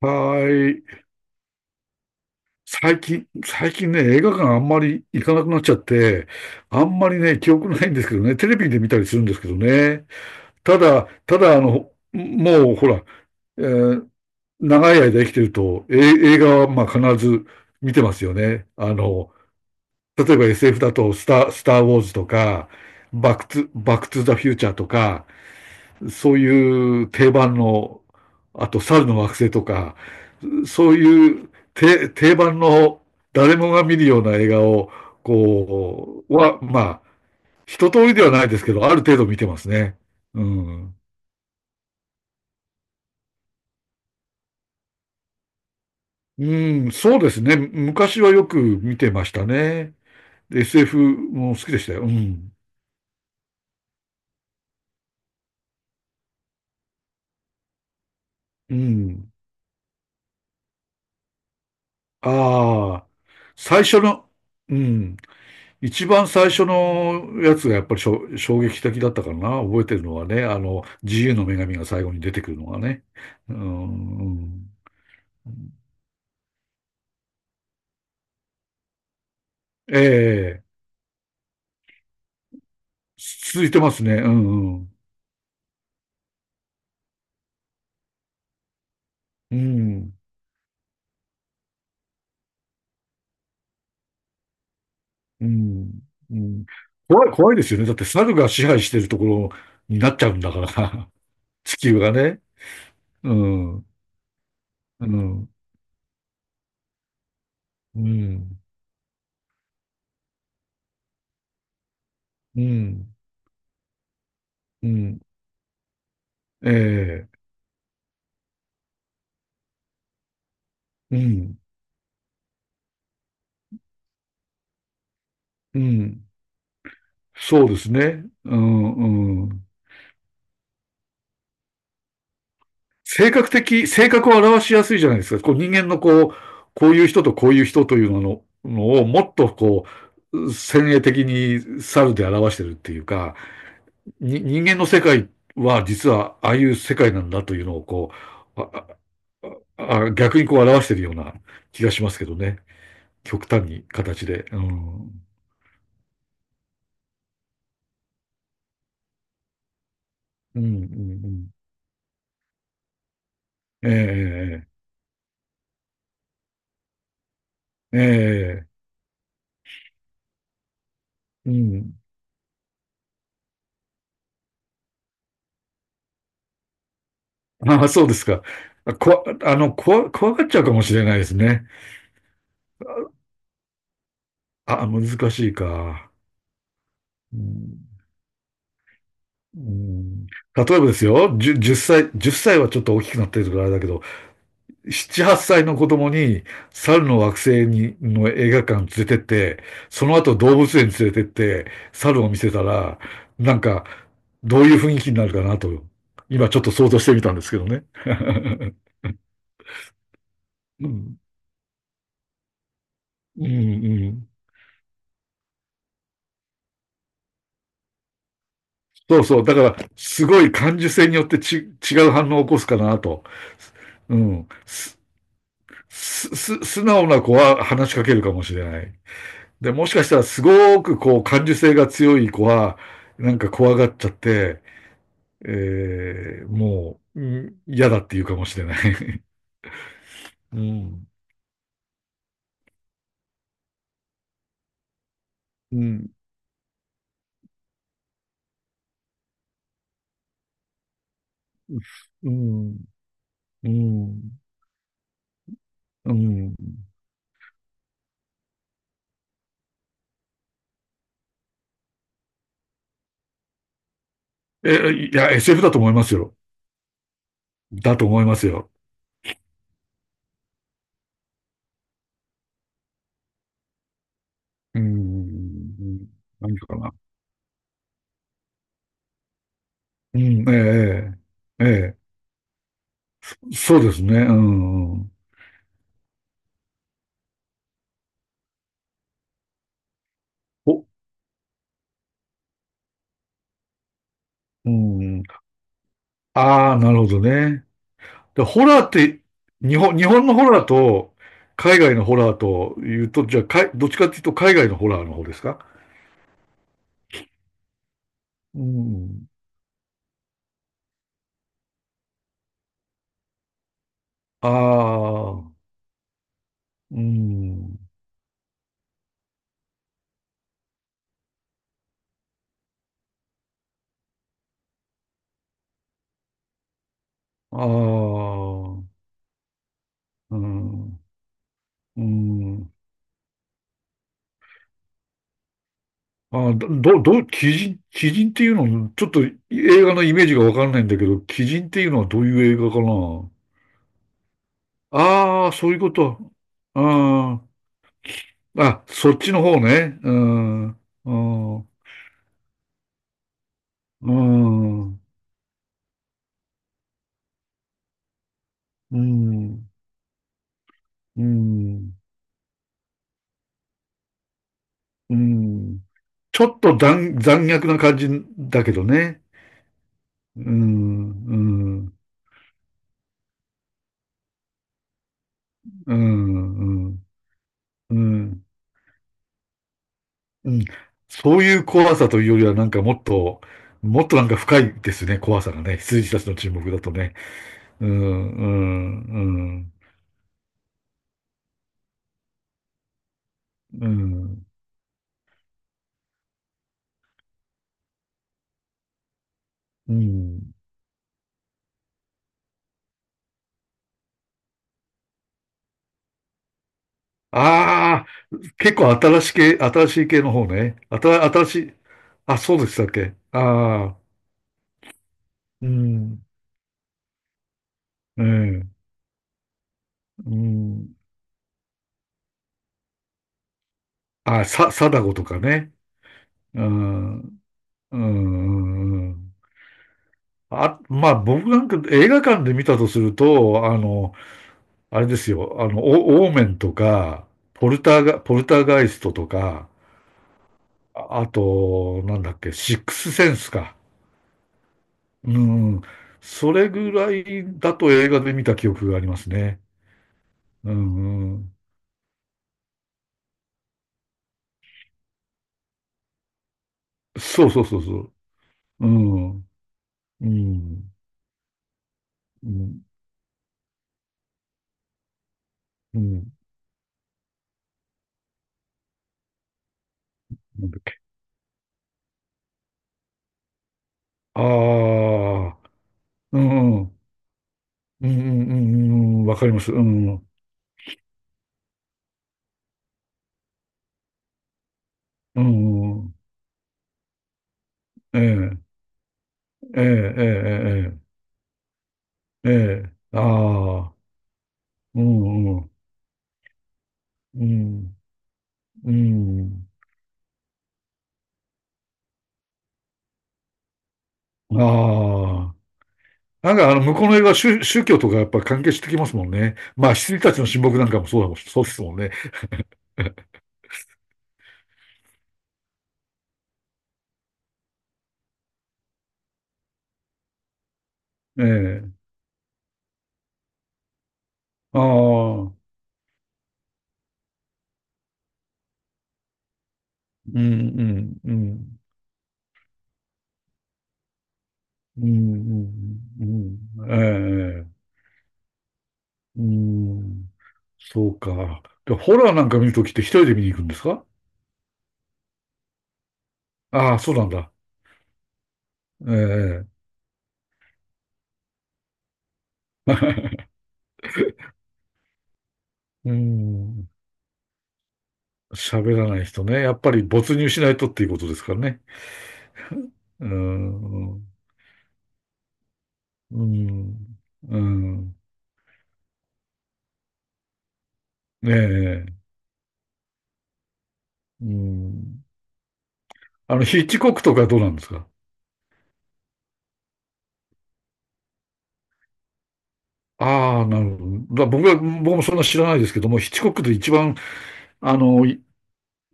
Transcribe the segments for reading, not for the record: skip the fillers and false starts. はーい。最近ね、映画館あんまり行かなくなっちゃって、あんまりね、記憶ないんですけどね、テレビで見たりするんですけどね。ただ、ただ、あの、もうほら、えー長い間生きてると、映画はまあ必ず見てますよね。例えば SF だとスター・ウォーズとか、バック・トゥ、バック・トゥ・ザ・フューチャーとか、そういう定番の、あと、猿の惑星とか、そういう定番の誰もが見るような映画を、こう、は、まあ、一通りではないですけど、ある程度見てますね。うん。うん、そうですね。昔はよく見てましたね。で SF も好きでしたよ。うん。うん。ああ、最初の、うん。一番最初のやつがやっぱり衝撃的だったかな。覚えてるのはね、あの、自由の女神が最後に出てくるのがね。うん。ええ、続いてますね。うんうん。うん、うん、うん、怖い、怖いですよね。だって猿が支配してるところになっちゃうんだから、地球がね。うん、うん、うん、うん、うん、ええ、うん、うん。そうですね。うん、うん。性格を表しやすいじゃないですか。こう人間のこう、こういう人とこういう人というのをもっとこう、先鋭的に猿で表してるっていうか、に、人間の世界は実はああいう世界なんだというのをう、あ、逆にこう表しているような気がしますけどね。極端に形で。うん。うん、うん、うん。ええ、ええ、うん。ああ、そうですか。こわ、あの、こわ、怖がっちゃうかもしれないですね。難しいか。うん、うん、例えばですよ、10、歳、1歳はちょっと大きくなってるからあれだけど、7、8歳の子供に猿の惑星にの映画館連れてって、その後動物園連れてって猿を見せたら、なんかどういう雰囲気になるかなと、今ちょっと想像してみたんですけどね。うん、うん、うん。そうそう。だから、すごい感受性によって違う反応を起こすかなと。うん。す、す、す素直な子は話しかけるかもしれない。で、もしかしたらすごくこう感受性が強い子は、なんか怖がっちゃって、もう、嫌だって言うかもしれない。うん。うん。うん。うん。うん。いや、SF だと思いますよ。だと思いますよ。うん。何かな。うん。ええええそうですね。うん。お、うん。ああ、なるほどね。でホラーって、日本のホラーと、海外のホラーというと、じゃあ、どっちかっていうと、海外のホラーの方ですか？うん。ああ、うん。ああ、うん。うん。ああ、ど、ど、どう鬼人、鬼人っていうの、ちょっと映画のイメージがわかんないんだけど、鬼人っていうのはどういう映画かな。ああ、そういうこと。あああ、そっちの方ね。うん、うん、うん、うん。うん。うん。ちょっと残虐な感じだけどね。うん。うん。うん。うん。うん。うんそういう怖さというよりは、なんかもっと、もっとなんか深いですね、怖さがね。羊たちの沈黙だとね。うん。うん。うん。うん。ああ、結構新しい系、新しい系の方ね。あた、新しい、あ、そうでしたっけ。ああ、うん、うん、うん。貞子とかね。うん、うん、うん。あ、まあ僕なんか映画館で見たとすると、あの、あれですよ、あの、オーメンとか、ポルターガイストとか、ああと、なんだっけ、シックスセンスか。うん、それぐらいだと映画で見た記憶がありますね。うん、うん。そうそうそうそう。うん、うん、うん、うん。ああー、うん。うんうんうんうん、わかります。うん。うん。うんええ、ええ、ええ、ええ、ええ、ああ、うん、うん、うん、うん。ああ。なんか、あの、向こうの映画は宗教とかやっぱ関係してきますもんね。まあ、羊たちの親睦なんかもそうだもん、そうですもんね。ええ、ああ、うん、うん、うん、うん、うん、うんええ、うん、そうか。で、ホラーなんか見るときって一人で見に行くんですか？ああ、そうなんだ。ええ。うん。喋らない人ね。やっぱり没入しないとっていうことですからね。うん。うん。うん。ねえ。うん。あの、ヒッチコックとかどうなんですか？ああ、なるほど。だ僕は、僕もそんな知らないですけども、ヒッチコックで一番、あの、い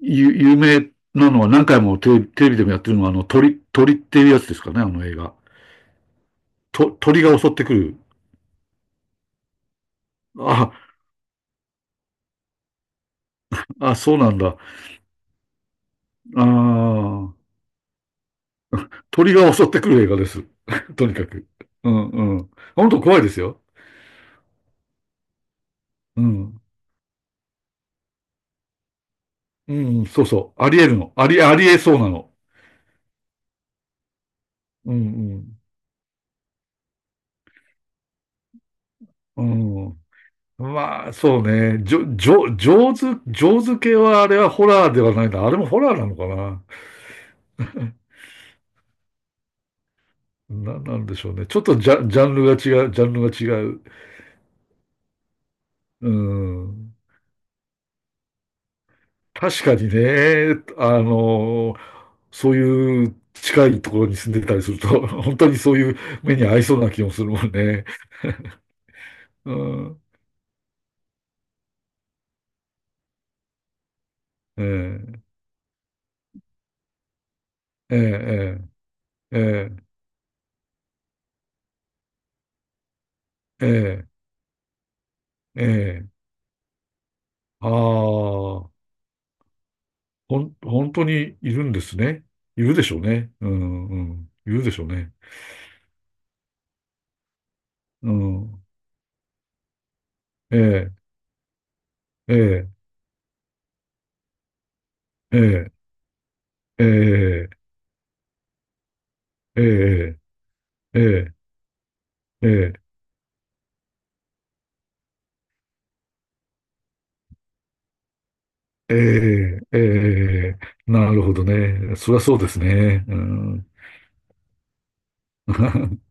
ゆ有名なのは何回もテレビでもやってるのは、あの、鳥っていうやつですかね、あの映画。鳥が襲ってくる。あ、そうなんだ。ああ、鳥が襲ってくる映画です。とにかく。うんうん。本当怖いですよ。うん。うん、そうそう。あり得るの。あり得そうなの。うんうん。うん。まあ、そうね。じょ、じょ、上手、上手系はあれはホラーではないな。あれもホラーなのかな。なんでしょうね。ちょっとジャンルが違う、ジャンルが違う。うん。確かにね、あの、そういう近いところに住んでたりすると、本当にそういう目に合いそうな気もするもんね。うん、ええ、ええ、ええ、ええ、ええ、ああ、本当にいるんですね。いるでしょうね。うん、うん、いるでしょうね。うん、ええ、ええ、ええ、ええ、ええ、ええ、ええ、ええ、ええなるほどね。そりゃそうですね。うん